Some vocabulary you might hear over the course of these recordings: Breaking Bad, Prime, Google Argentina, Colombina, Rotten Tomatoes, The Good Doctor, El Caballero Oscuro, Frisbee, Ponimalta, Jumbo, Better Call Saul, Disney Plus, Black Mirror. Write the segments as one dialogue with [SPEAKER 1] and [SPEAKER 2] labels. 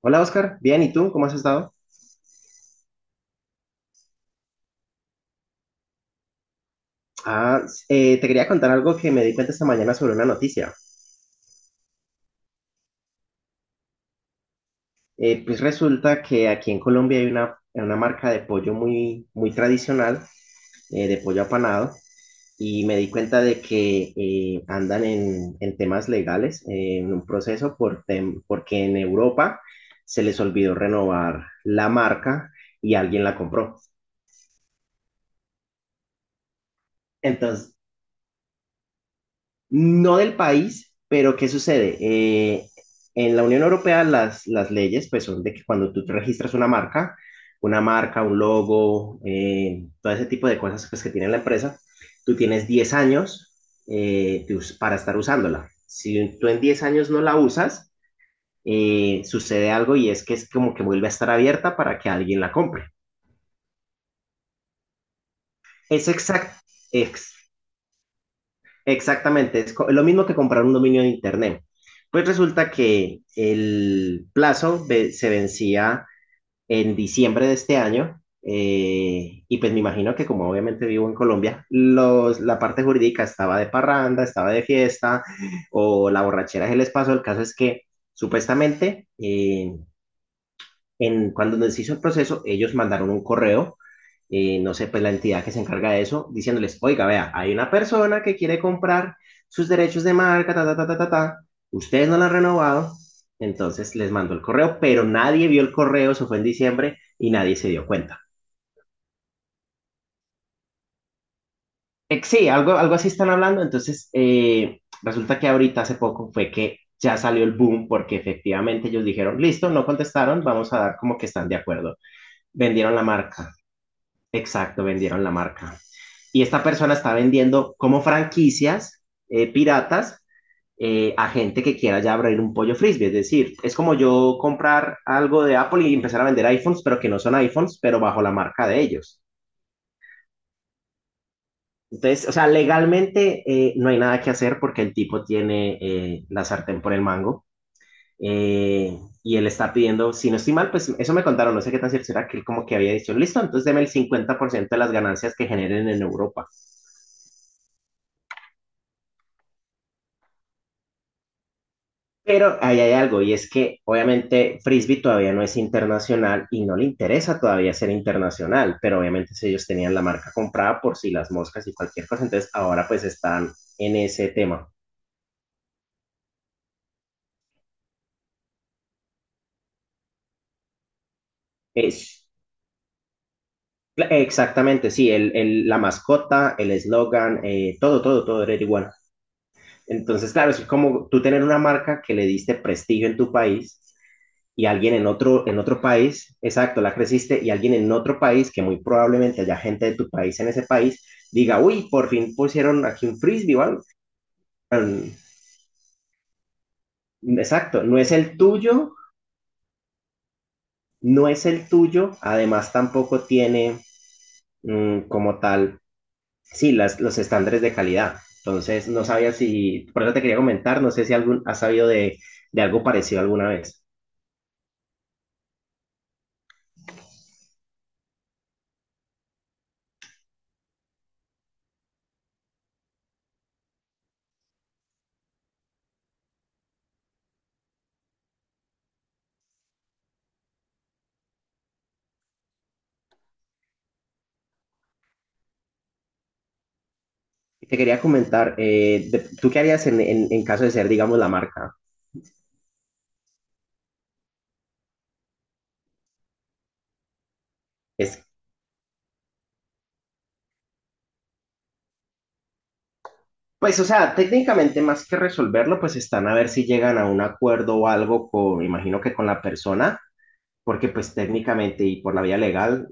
[SPEAKER 1] Hola Oscar, bien, ¿y tú? ¿Cómo has estado? Ah, te quería contar algo que me di cuenta esta mañana sobre una noticia. Pues resulta que aquí en Colombia hay una marca de pollo muy, muy tradicional, de pollo apanado, y me di cuenta de que andan en temas legales, en un proceso, porque en Europa se les olvidó renovar la marca y alguien la compró. Entonces, no del país, pero ¿qué sucede? En la Unión Europea las leyes pues son de que cuando tú te registras una marca, un logo, todo ese tipo de cosas pues, que tiene la empresa, tú tienes 10 años, para estar usándola. Si tú en 10 años no la usas, sucede algo y es que es como que vuelve a estar abierta para que alguien la compre. Es exacto. Exactamente, es lo mismo que comprar un dominio de internet. Pues resulta que el plazo se vencía en diciembre de este año, y pues me imagino que como obviamente vivo en Colombia, la parte jurídica estaba de parranda, estaba de fiesta o la borrachera se les pasó. El caso es que supuestamente, cuando nos hizo el proceso, ellos mandaron un correo, no sé, pues la entidad que se encarga de eso, diciéndoles, oiga, vea, hay una persona que quiere comprar sus derechos de marca, ta, ta, ta, ta, ta, ta. Ustedes no la han renovado, entonces les mandó el correo, pero nadie vio el correo, eso fue en diciembre y nadie se dio cuenta. Sí, algo así están hablando, entonces, resulta que ahorita hace poco fue que ya salió el boom porque efectivamente ellos dijeron, listo, no contestaron, vamos a dar como que están de acuerdo. Vendieron la marca. Exacto, vendieron la marca. Y esta persona está vendiendo como franquicias, piratas, a gente que quiera ya abrir un pollo frisbee. Es decir, es como yo comprar algo de Apple y empezar a vender iPhones, pero que no son iPhones, pero bajo la marca de ellos. Entonces, o sea, legalmente, no hay nada que hacer porque el tipo tiene, la sartén por el mango. eh, y él está pidiendo, si no estoy mal, pues eso me contaron, no sé qué tan cierto será, que él como que había dicho, listo, entonces deme el 50% de las ganancias que generen en Europa. Pero ahí hay algo, y es que obviamente Frisbee todavía no es internacional y no le interesa todavía ser internacional, pero obviamente si ellos tenían la marca comprada por si las moscas y cualquier cosa, entonces ahora pues están en ese tema. Es, exactamente, sí, la mascota, el eslogan, todo, todo, todo era igual. Entonces, claro, es como tú tener una marca que le diste prestigio en tu país y alguien en otro país, exacto, la creciste y alguien en otro país, que muy probablemente haya gente de tu país en ese país, diga, uy, por fin pusieron aquí un frisbee, ¿vale? Um, exacto, no es el tuyo, no es el tuyo, además tampoco tiene, como tal, sí, los estándares de calidad. Entonces, no sabía si, por eso te quería comentar, no sé si algún, has sabido de algo parecido alguna vez. Te quería comentar, de, ¿tú qué harías en, en caso de ser, digamos, la marca? Es, Pues, o sea, técnicamente más que resolverlo, pues están a ver si llegan a un acuerdo o algo con, me imagino que con la persona, porque pues técnicamente y por la vía legal,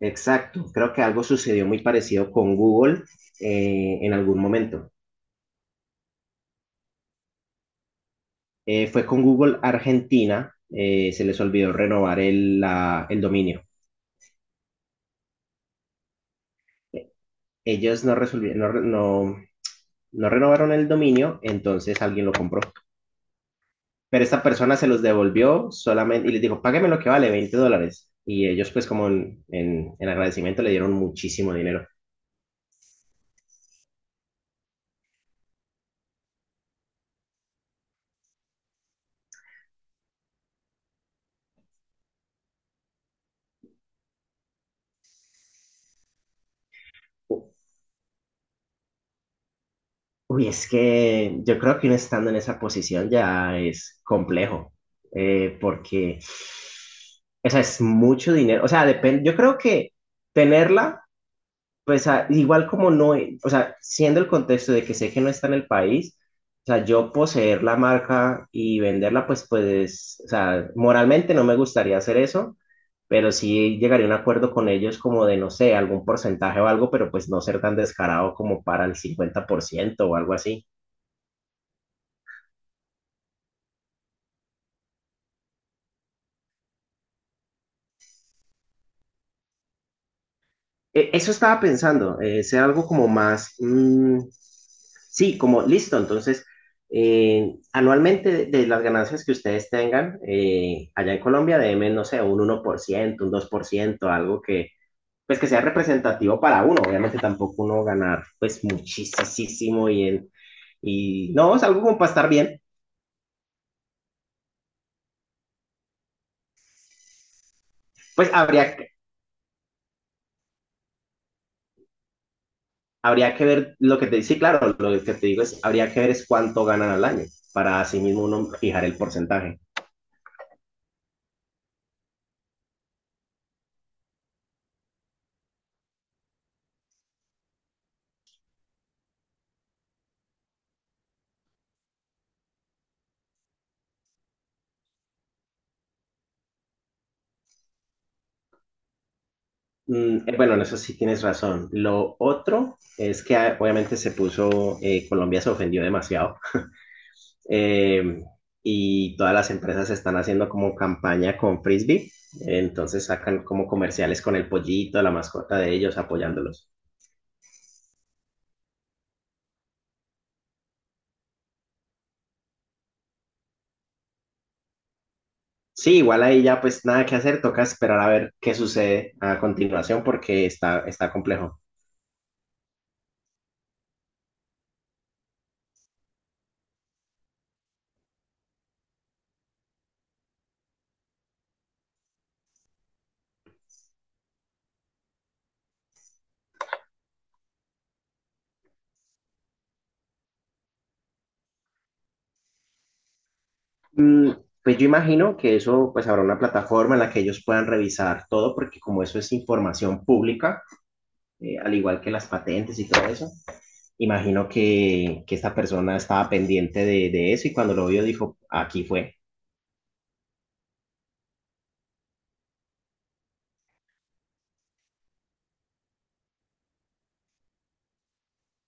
[SPEAKER 1] exacto, creo que algo sucedió muy parecido con Google, en algún momento. Fue con Google Argentina. Se les olvidó renovar el dominio. Ellos no, resolvi- no, re- no, no renovaron el dominio, entonces alguien lo compró. Pero esta persona se los devolvió solamente y les dijo, págame lo que vale, $20. Y ellos pues como en, en agradecimiento le dieron muchísimo dinero. U- Uy, es que yo creo que uno estando en esa posición ya es complejo, porque, o sea, es mucho dinero, o sea, depende, yo creo que tenerla. Igual como no, o sea, siendo el contexto de que sé que no está en el país, o sea, yo poseer la marca y venderla, pues, o sea, moralmente no me gustaría hacer eso, pero sí llegaría a un acuerdo con ellos como de, no sé, algún porcentaje o algo, pero pues no ser tan descarado como para el 50% o algo así. Eso estaba pensando, ser algo como más, sí, como listo. Entonces, anualmente de las ganancias que ustedes tengan, allá en Colombia, deben, no sé, un 1% un 2% algo que, pues, que sea representativo para uno. Obviamente tampoco uno ganar, pues, muchísimo y no, es algo como para estar bien. Pues habría, que- Habría que ver lo que te dice, claro, lo que te digo es, habría que ver es cuánto ganan al año para así mismo uno fijar el porcentaje. Bueno, en eso sí tienes razón. Lo otro es que, obviamente se puso, Colombia se ofendió demasiado. Eh, y todas las empresas están haciendo como campaña con Frisbee, entonces sacan como comerciales con el pollito, la mascota de ellos, apoyándolos. Sí, igual ahí ya pues nada que hacer, toca esperar a ver qué sucede a continuación porque está, está complejo. Mm, pues yo imagino que eso pues habrá una plataforma en la que ellos puedan revisar todo porque como eso es información pública, al igual que las patentes y todo eso. Imagino que esta persona estaba pendiente de, eso y cuando lo vio dijo, aquí fue.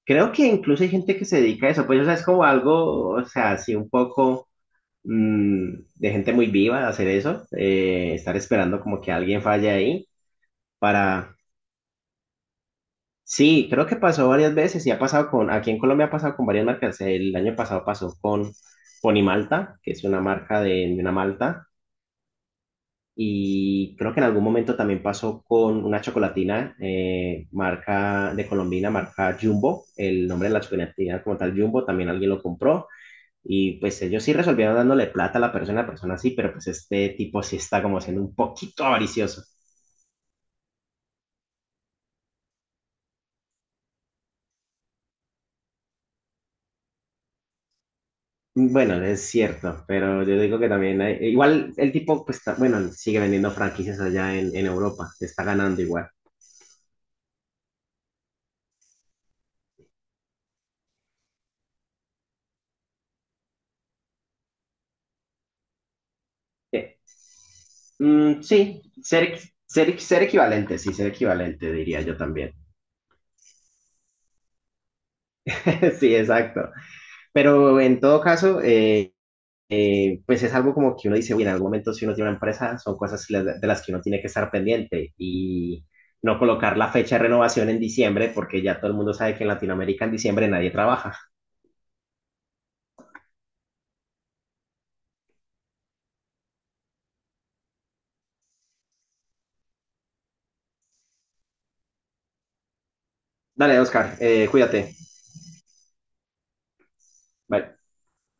[SPEAKER 1] Creo que incluso hay gente que se dedica a eso, pues o sea, es como algo, o sea, así un poco, mm, de gente muy viva de hacer eso, estar esperando como que alguien falle ahí para... Sí, creo que pasó varias veces y ha pasado aquí en Colombia ha pasado con varias marcas, el año pasado pasó con Ponimalta, que es una marca de una malta. Y creo que en algún momento también pasó con una chocolatina, marca de Colombina, marca Jumbo. El nombre de la chocolatina como tal Jumbo también alguien lo compró. Y pues ellos sí resolvieron dándole plata a la persona sí, pero pues este tipo sí está como siendo un poquito avaricioso. Bueno, es cierto, pero yo digo que también igual el tipo pues bueno, sigue vendiendo franquicias allá en Europa, se está ganando igual. Eh, sí, ser equivalente, sí, ser equivalente diría yo también. Sí, exacto. Pero en todo caso, pues es algo como que uno dice, uy, en algún momento si uno tiene una empresa, son cosas de las que uno tiene que estar pendiente y no colocar la fecha de renovación en diciembre, porque ya todo el mundo sabe que en Latinoamérica en diciembre nadie trabaja. Dale, Oscar, cuídate. Bye.